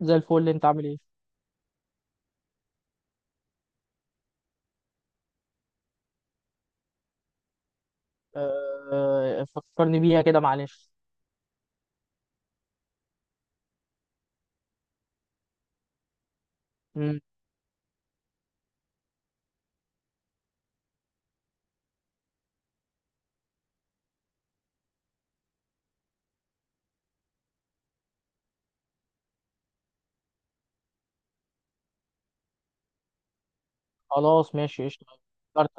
زي الفل، انت عامل ايه؟ آه، فكرني بيها كده، معلش. مم. خلاص، ماشي قشطة. فكرت.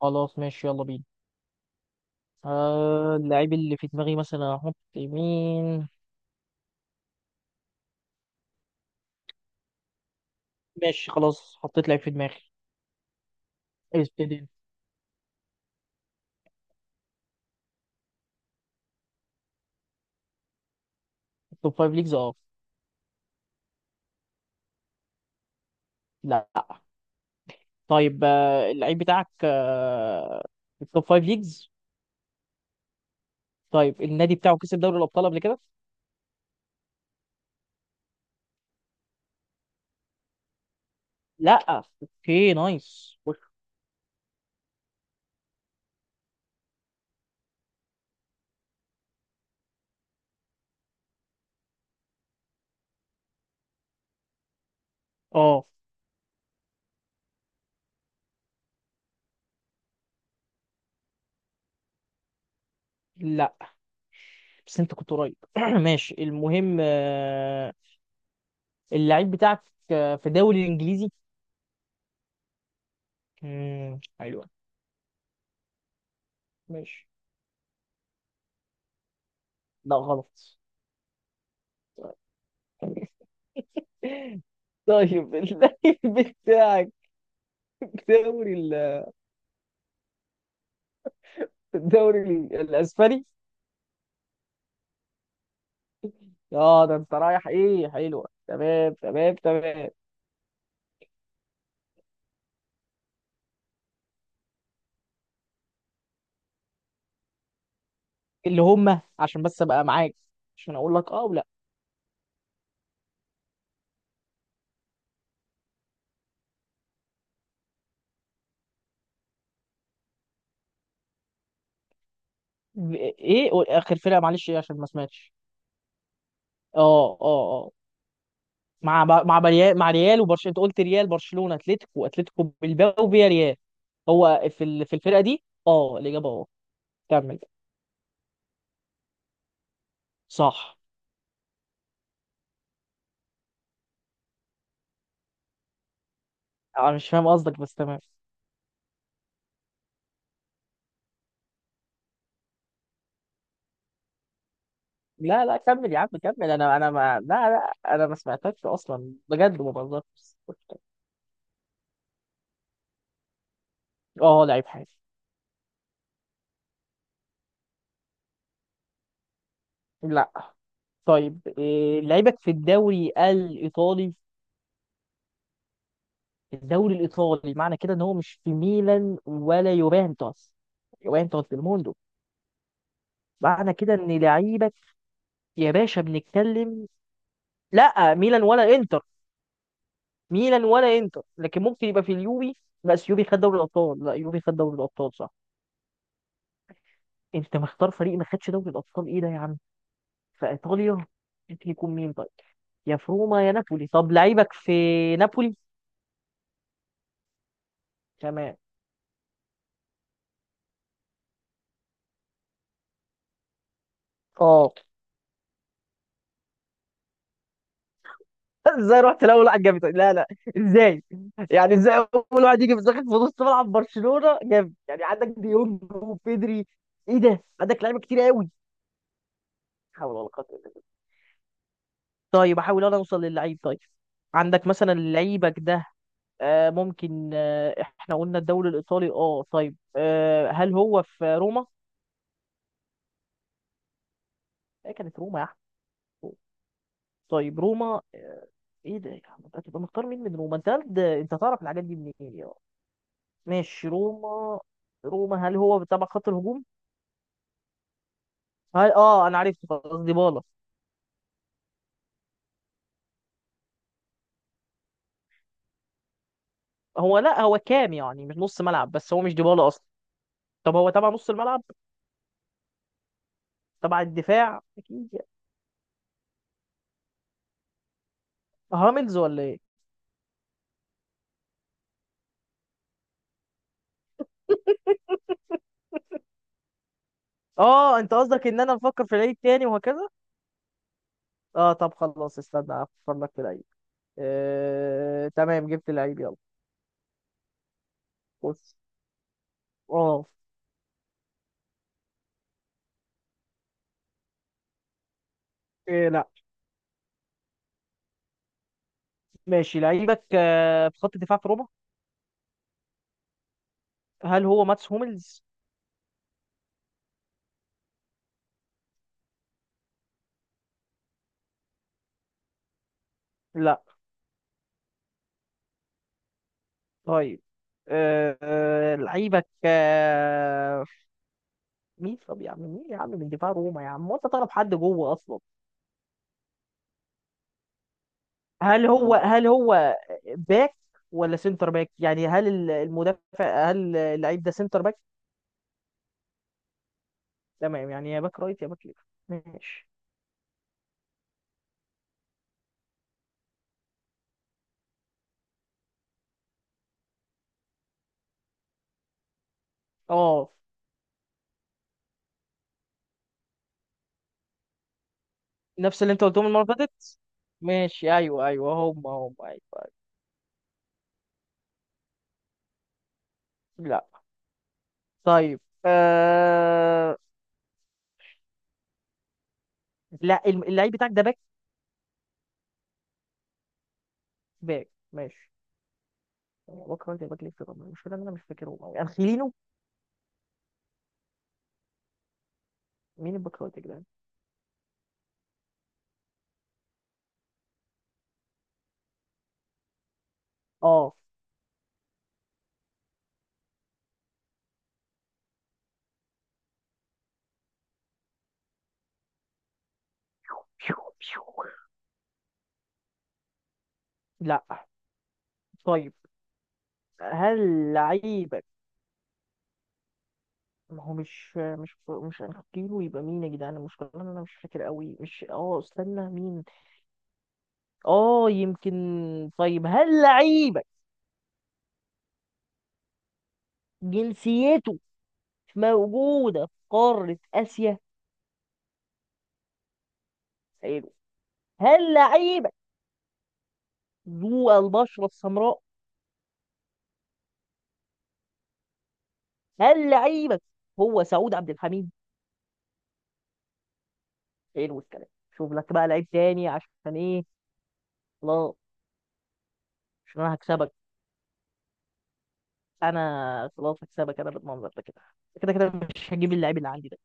خلاص ماشي، يلا بينا. آه، اللعيب اللي في دماغي مثلا احط مين؟ ماشي، خلاص حطيت لعيب في دماغي. ابتدي انت. توب فايف ليجز، لا. طيب، اللعيب بتاعك في التوب فايف ليجز. طيب، النادي بتاعه كسب دوري الابطال قبل كده؟ لا، اوكي نايس. اه، لا، بس انت كنت قريب. ماشي، المهم، اللعيب بتاعك، في دوري الانجليزي. حلوة. ماشي. لا غلط. طيب، اللعيب بتاعك في الدوري ال- في الدوري الاسباني؟ اه، ده انت رايح ايه! حلوة. تمام تمام تمام. اللي هم عشان بس ابقى معاك، عشان اقول لك اه ولا ايه. اخر فرقة، معلش ايه، عشان ما سمعتش. اه، اه، آه. مع مع بريال، مع ريال وبرشلونه. انت قلت ريال، برشلونه، اتلتيكو بالباو، وفيا ريال. هو في في الفرقه دي؟ اه، الاجابه اه. كمل. صح. انا مش فاهم قصدك، بس تمام. لا لا، كمل يا عم، كمل، انا ما، لا لا، انا ما سمعتكش اصلا، بجد ما بهزرش. اه، لعيب حالي. لا. طيب، إيه لعيبك في الدوري الايطالي؟ الدوري الايطالي، معنى كده ان هو مش في ميلان ولا يوفنتوس. يوفنتوس ديل موندو. معنى كده ان لعيبك، يا باشا بنتكلم، لا ميلان ولا انتر. ميلان ولا انتر، لكن ممكن يبقى في اليوفي. بس يوفي خد دوري الابطال. لا، يوفي خد دوري الابطال صح. انت مختار فريق ما خدش دوري الابطال؟ ايه ده يا عم! في ايطاليا ممكن يكون مين طيب؟ يا فروما يا نابولي. طب لعيبك في نابولي؟ تمام. اه. ازاي رحت الاول واحد جاب إيطاليا؟ لا لا. ازاي؟ يعني ازاي اول واحد يجي في داخل في نص ملعب برشلونه جاب؟ يعني عندك ديونج وبيدري، ايه ده، عندك لعيبه كتير قوي. حول ولا قوه إلا بالله. طيب، احاول انا اوصل للعيب طيب. عندك مثلا لعيبك ده، ممكن، احنا قلنا الدوري الايطالي، اه طيب، هل هو في روما؟ ايه كانت روما يا احمد! طيب روما، ايه ده يا احمد، هتبقى مختار مين من روما؟ انت تعرف الحاجات دي منين يا عم؟ ماشي، روما. روما، هل هو تبع خط الهجوم؟ هل، انا عرفت خلاص، ديبالا. هو لا، هو كام يعني، مش نص ملعب، بس هو مش ديبالا اصلا. طب هو تبع نص الملعب؟ تبع الدفاع؟ اكيد يعني. هاملز ولا ايه؟ اه، انت قصدك ان انا بفكر في العيد تاني وهكذا. اه، طب خلاص، استنى افكر لك في العيد. آه، تمام، جبت العيد، يلا. بص. اه. إيه، لا. ماشي، لعيبك آه، في خط دفاع في ربع. هل هو ماتس هوملز؟ لا. طيب، لعيبك مين؟ طب يا عم، مين يا عم من دفاع روما يا عم وانت تعرف حد جوه اصلا؟ هل هو باك ولا سنتر باك؟ يعني هل المدافع، هل اللعيب ده سنتر باك؟ تمام، يعني يا باك رايت يا باك ليفت. ماشي. اه. نفس اللي انت قلتهم المره اللي فاتت. ماشي، ايوه ايوه، هم هم، ايوه، أيوة. لا. طيب، آه... لا، اللعيب بتاعك ده باك. باك، ماشي. باك رايت يا باك ليفت. طب مش، انا مش فاكرهم قوي، انخيلينو؟ مين الباك رايت يا جدعان؟ اه، بيو بيو. لا. طيب، هل لعيبك، ما هو مش انخيلينو، يبقى مين يا جدعان؟ المشكله ان انا مش فاكر قوي، مش، استنى مين. اه، يمكن. طيب، هل لعيبك جنسيته موجودة في قارة آسيا؟ حلو. هل لعيبك ذو البشرة السمراء؟ هل لعيبك هو سعود عبد الحميد؟ حلو الكلام. شوف لك بقى لعيب تاني، عشان ايه؟ لا، عشان انا هكسبك. انا خلاص هكسبك، انا بالمنظر ده كده. كده كده مش هجيب اللعيب اللي عندي ده.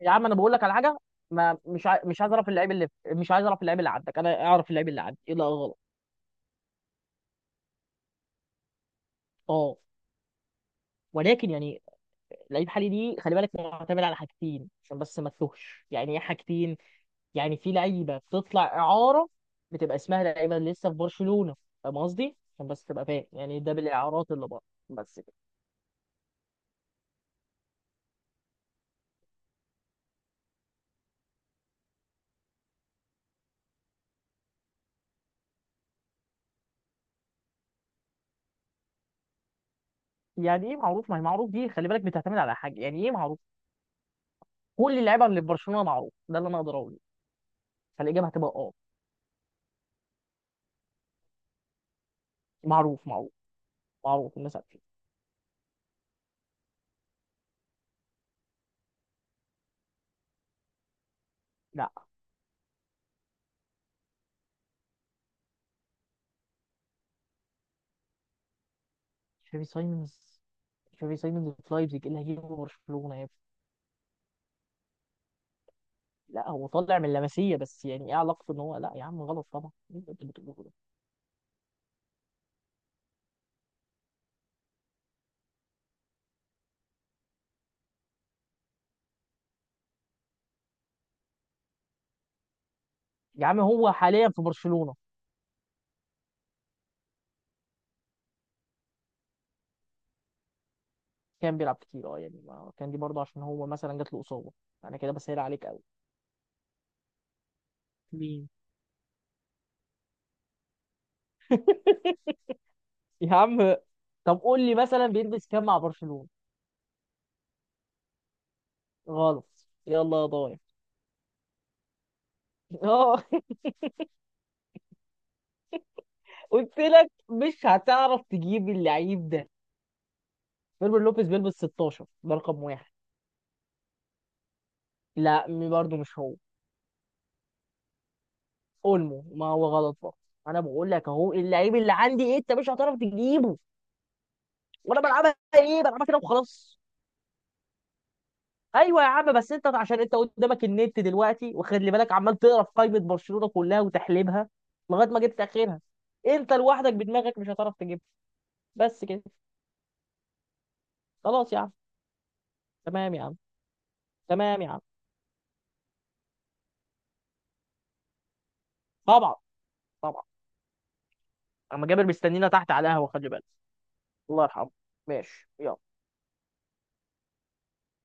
يا عم، انا بقول لك على حاجة. ما مش عايز اعرف اللعيب اللي، مش عايز اعرف اللعيب اللي عندك، انا اعرف اللعيب اللي عندي ايه. لا غلط. اه، ولكن يعني، لعيب حالي دي خلي بالك معتمد على حاجتين، عشان بس ما تتوهش. يعني ايه حاجتين؟ يعني في لعيبه بتطلع اعاره، بتبقى اسمها لعيبه اللي لسه في برشلونه. فاهم قصدي؟ عشان بس تبقى فاهم، يعني ده بالاعارات اللي بره. بس كده. يعني ايه معروف؟ ما هي معروف دي خلي بالك بتعتمد على حاجه. يعني ايه معروف؟ كل اللعيبه اللي في برشلونه معروف، ده اللي انا اقدر اقوله. فالاجابه هتبقى اه. معروف معروف، معروف، الناس عارفين. لا. تشافي سايمونز. تشافي سايمونز في لايبزيج، ايه اللي هيجيبه برشلونه يا ابني؟ لا، هو طالع من لاماسيا، بس يعني ايه علاقته، ان هو، لا يا عم غلط طبعا. إيه اللي انت بتقوله ده؟ يا عم هو حاليا في برشلونة. كان بيلعب كتير، اه، يعني ما كان دي برضه عشان هو مثلا جات له اصابة. انا كده بسهل عليك قوي. مين؟ يا عم. طب قول لي مثلا بيلبس كام مع برشلونة؟ غلط. يلا يا ضايع. اه. قلت لك مش هتعرف تجيب اللعيب ده. فيرمين لوبيز بيلبس 16، ده رقم واحد. لا، برضه مش هو. اولمو، ما هو غلط برضه. انا بقول لك اهو، اللعيب اللي عندي ايه انت مش هتعرف تجيبه. وانا بلعبها ايه؟ بلعبها كده وخلاص. ايوه يا عم، بس انت عشان انت قدامك النت دلوقتي، وخلي بالك عمال تقرا في قائمه برشلونه كلها وتحليلها لغايه ما جبت اخرها. انت لوحدك بدماغك مش هتعرف تجيبها. بس كده. خلاص يا عم. تمام يا عم، تمام يا عم. طبعا. طبعا. اما جابر مستنينا تحت على القهوه، خلي بالك. الله يرحمه. ماشي، يلا.